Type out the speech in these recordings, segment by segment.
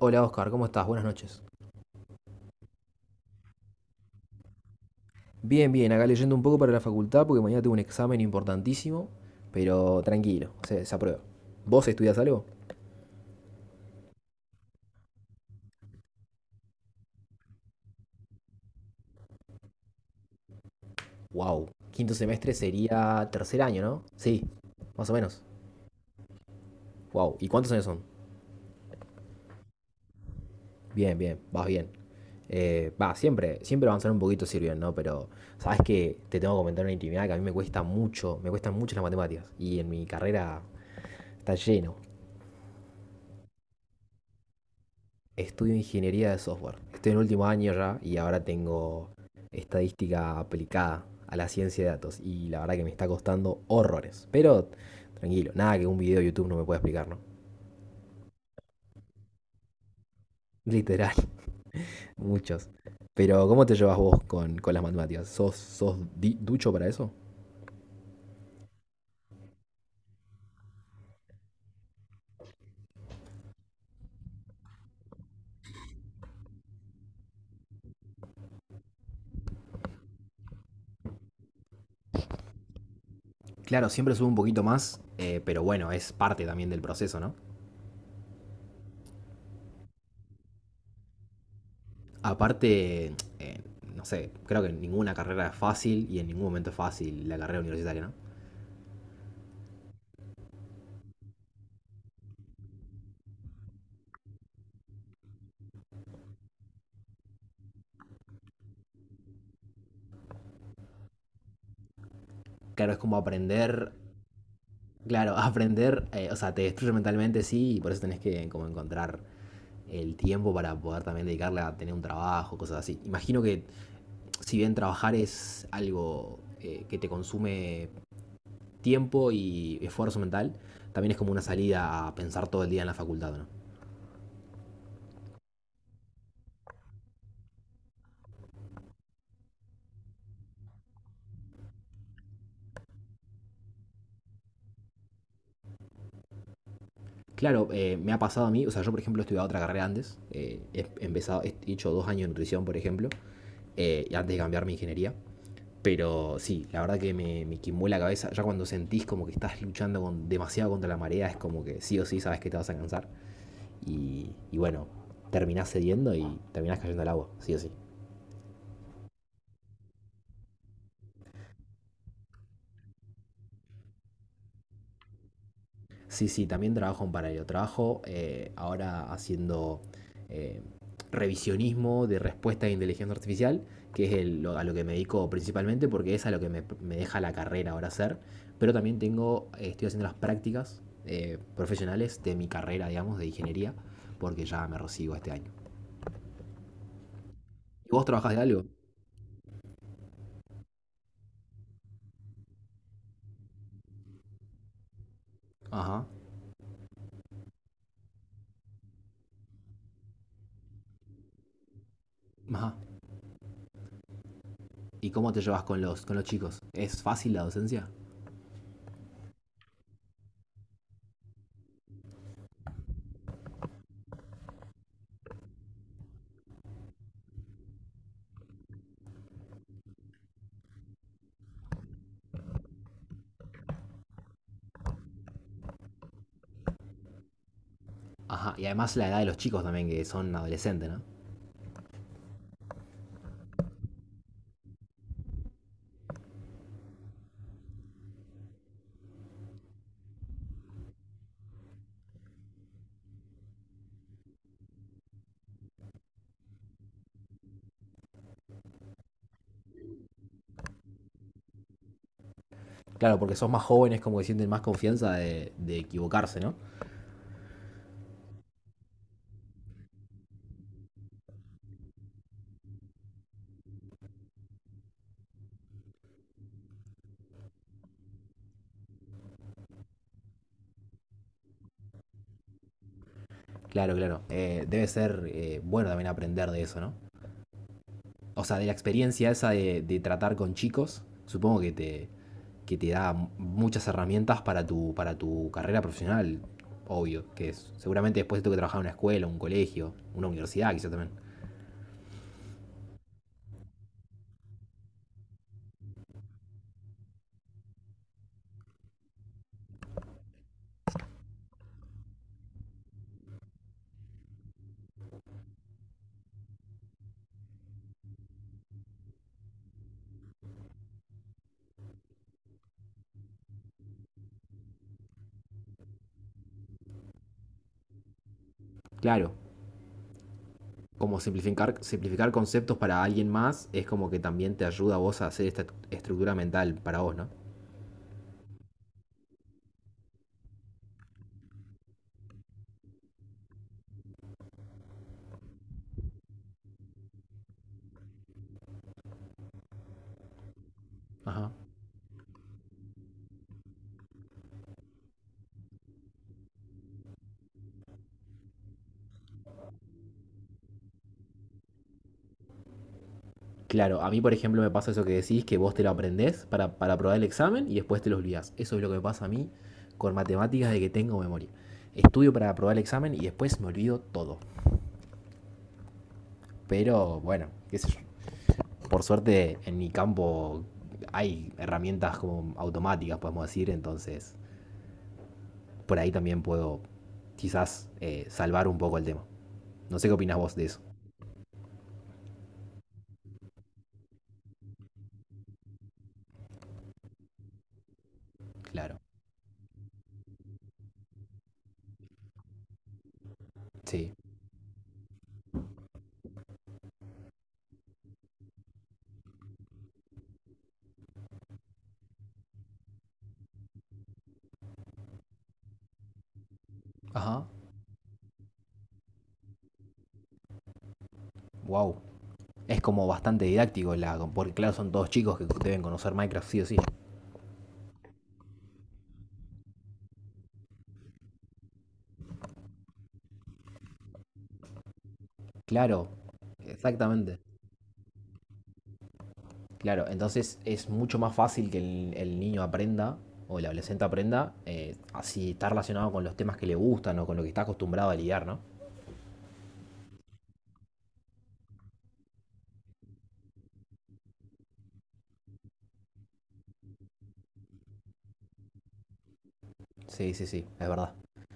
Hola Oscar, ¿cómo estás? Buenas noches. Bien, bien, acá leyendo un poco para la facultad porque mañana tengo un examen importantísimo, pero tranquilo, se aprueba. ¿Vos estudias algo? Wow. Quinto semestre sería tercer año, ¿no? Sí, más o menos. Wow. ¿Y cuántos años son? Bien, bien, vas bien. Va, siempre, siempre avanzar un poquito sirve, ¿no? Pero sabes que te tengo que comentar una intimidad que a mí me cuesta mucho, me cuestan mucho las matemáticas y en mi carrera está lleno. Estudio ingeniería de software. Estoy en último año ya y ahora tengo estadística aplicada a la ciencia de datos. Y la verdad que me está costando horrores. Pero tranquilo, nada que un video de YouTube no me pueda explicar, ¿no? Literal, muchos. Pero ¿cómo te llevas vos con las matemáticas? ¿Sos, ducho para eso? Claro, siempre subo un poquito más, pero bueno, es parte también del proceso, ¿no? Aparte, no sé, creo que en ninguna carrera es fácil y en ningún momento es fácil la carrera universitaria, ¿no? Claro, es como aprender, claro, aprender, o sea, te destruye mentalmente, sí, y por eso tenés que como encontrar el tiempo para poder también dedicarle a tener un trabajo, cosas así. Imagino que si bien trabajar es algo que te consume tiempo y esfuerzo mental, también es como una salida a pensar todo el día en la facultad, ¿no? Claro, me ha pasado a mí, o sea, yo por ejemplo he estudiado otra carrera antes, empezado, he hecho 2 años de nutrición, por ejemplo, y antes de cambiar mi ingeniería, pero sí, la verdad que me quimbó la cabeza, ya cuando sentís como que estás luchando con, demasiado contra la marea, es como que sí o sí sabes que te vas a cansar, y bueno, terminás cediendo y terminás cayendo al agua, sí o sí. Sí, sí, también trabajo en paralelo. Trabajo ahora haciendo eh, revisionismo de respuesta de inteligencia artificial, que es a lo que me dedico principalmente porque es a lo que me deja la carrera ahora hacer. Pero también tengo, estoy haciendo las prácticas profesionales de mi carrera, digamos, de ingeniería, porque ya me recibo este año. ¿Y vos trabajás de algo? Ajá, ajá. ¿Y cómo te llevas con los chicos? ¿Es fácil la docencia? Ajá, y además la edad de los chicos también, que son adolescentes, ¿no? Claro, porque sos más jóvenes, como que sienten más confianza de equivocarse, ¿no? Claro, claro. Debe ser bueno también aprender de eso, ¿no? O sea, de la experiencia esa de tratar con chicos, supongo que que te da muchas herramientas para tu carrera profesional, obvio, que es, seguramente después tengo que trabajar en una escuela, un colegio, una universidad quizá también. Claro, como simplificar, simplificar conceptos para alguien más es como que también te ayuda a vos a hacer esta estructura mental para vos, ¿no? Ajá. Claro, a mí por ejemplo me pasa eso que decís, que vos te lo aprendés para aprobar el examen y después te lo olvidás. Eso es lo que me pasa a mí con matemáticas de que tengo memoria. Estudio para aprobar el examen y después me olvido todo. Pero bueno, qué sé yo. Por suerte en mi campo hay herramientas como automáticas, podemos decir, entonces por ahí también puedo quizás salvar un poco el tema. No sé qué opinás vos de eso. Claro. Sí. Ajá. Wow. Es como bastante didáctico, la, porque claro, son todos chicos que deben conocer Minecraft sí o sí. Claro, exactamente. Claro, entonces es mucho más fácil que el niño aprenda o el adolescente aprenda así está relacionado con los temas que le gustan o con lo que está acostumbrado a lidiar, ¿no? Sí, sí, sí, es verdad.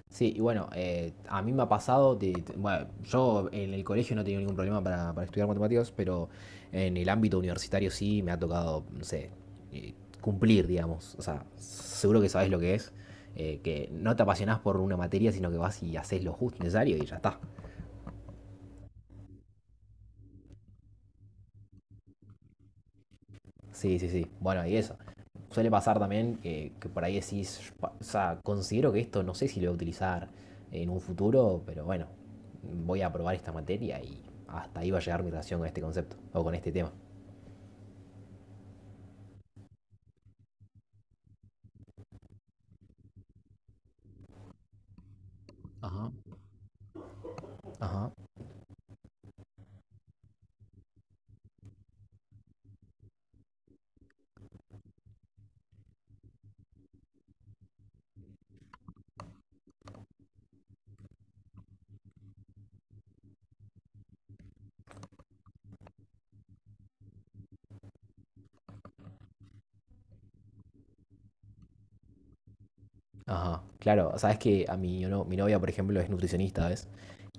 Sí, y bueno, a mí me ha pasado, bueno, yo en el colegio no he tenido ningún problema para estudiar matemáticas, pero en el ámbito universitario sí me ha tocado, no sé, eh, cumplir, digamos. O sea, seguro que sabes lo que es, que no te apasionás por una materia, sino que vas y haces lo justo y necesario y ya está. Sí, sí, sí. Bueno, y eso. Suele pasar también que por ahí decís, o sea, considero que esto no sé si lo voy a utilizar en un futuro, pero bueno, voy a probar esta materia y hasta ahí va a llegar mi relación con este concepto o con este tema. Ajá. Ajá. Ajá, claro, o sea, es que a mi, mi novia, por ejemplo, es nutricionista, ¿ves?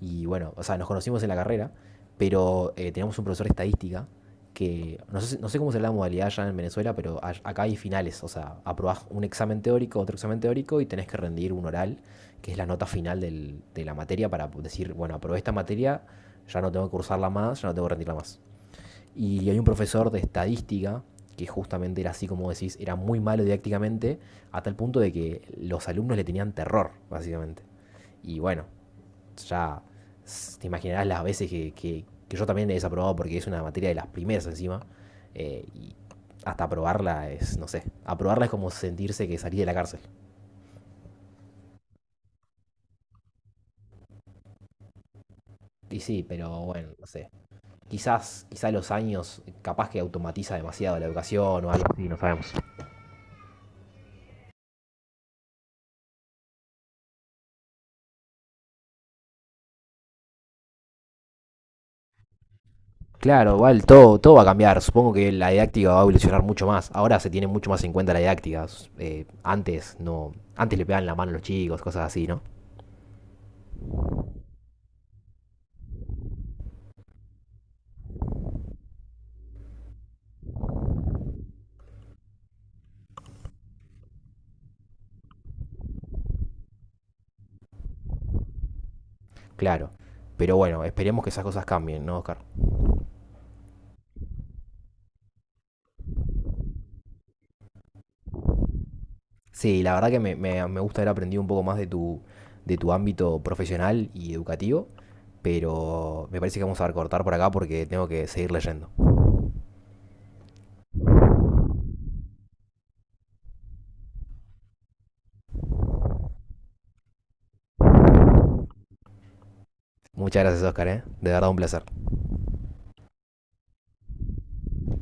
Y bueno, o sea, nos conocimos en la carrera, pero teníamos un profesor de estadística que, no sé, no sé cómo será la modalidad allá en Venezuela, pero acá hay finales, o sea, aprobás un examen teórico, otro examen teórico y tenés que rendir un oral, que es la nota final de la materia para decir, bueno, aprobé esta materia, ya no tengo que cursarla más, ya no tengo que rendirla más. Y hay un profesor de estadística que justamente era así como decís, era muy malo didácticamente, a tal punto de que los alumnos le tenían terror, básicamente. Y bueno, ya te imaginarás las veces que, que yo también he desaprobado porque es una materia de las primeras encima, y hasta aprobarla es, no sé, aprobarla es como sentirse que salí de la cárcel. Y sí, pero bueno, no sé. Quizás, quizás los años capaz que automatiza demasiado la educación o algo así, no sabemos. Claro, igual todo, todo va a cambiar. Supongo que la didáctica va a evolucionar mucho más. Ahora se tiene mucho más en cuenta la didáctica. Antes no, antes le pegaban la mano a los chicos, cosas así, ¿no? Claro. Pero bueno, esperemos que esas cosas cambien, ¿no, Oscar? Sí, la verdad que me, me gusta haber aprendido un poco más de tu ámbito profesional y educativo, pero me parece que vamos a cortar por acá porque tengo que seguir leyendo. Muchas gracias, Oscar, ¿eh? De verdad un placer.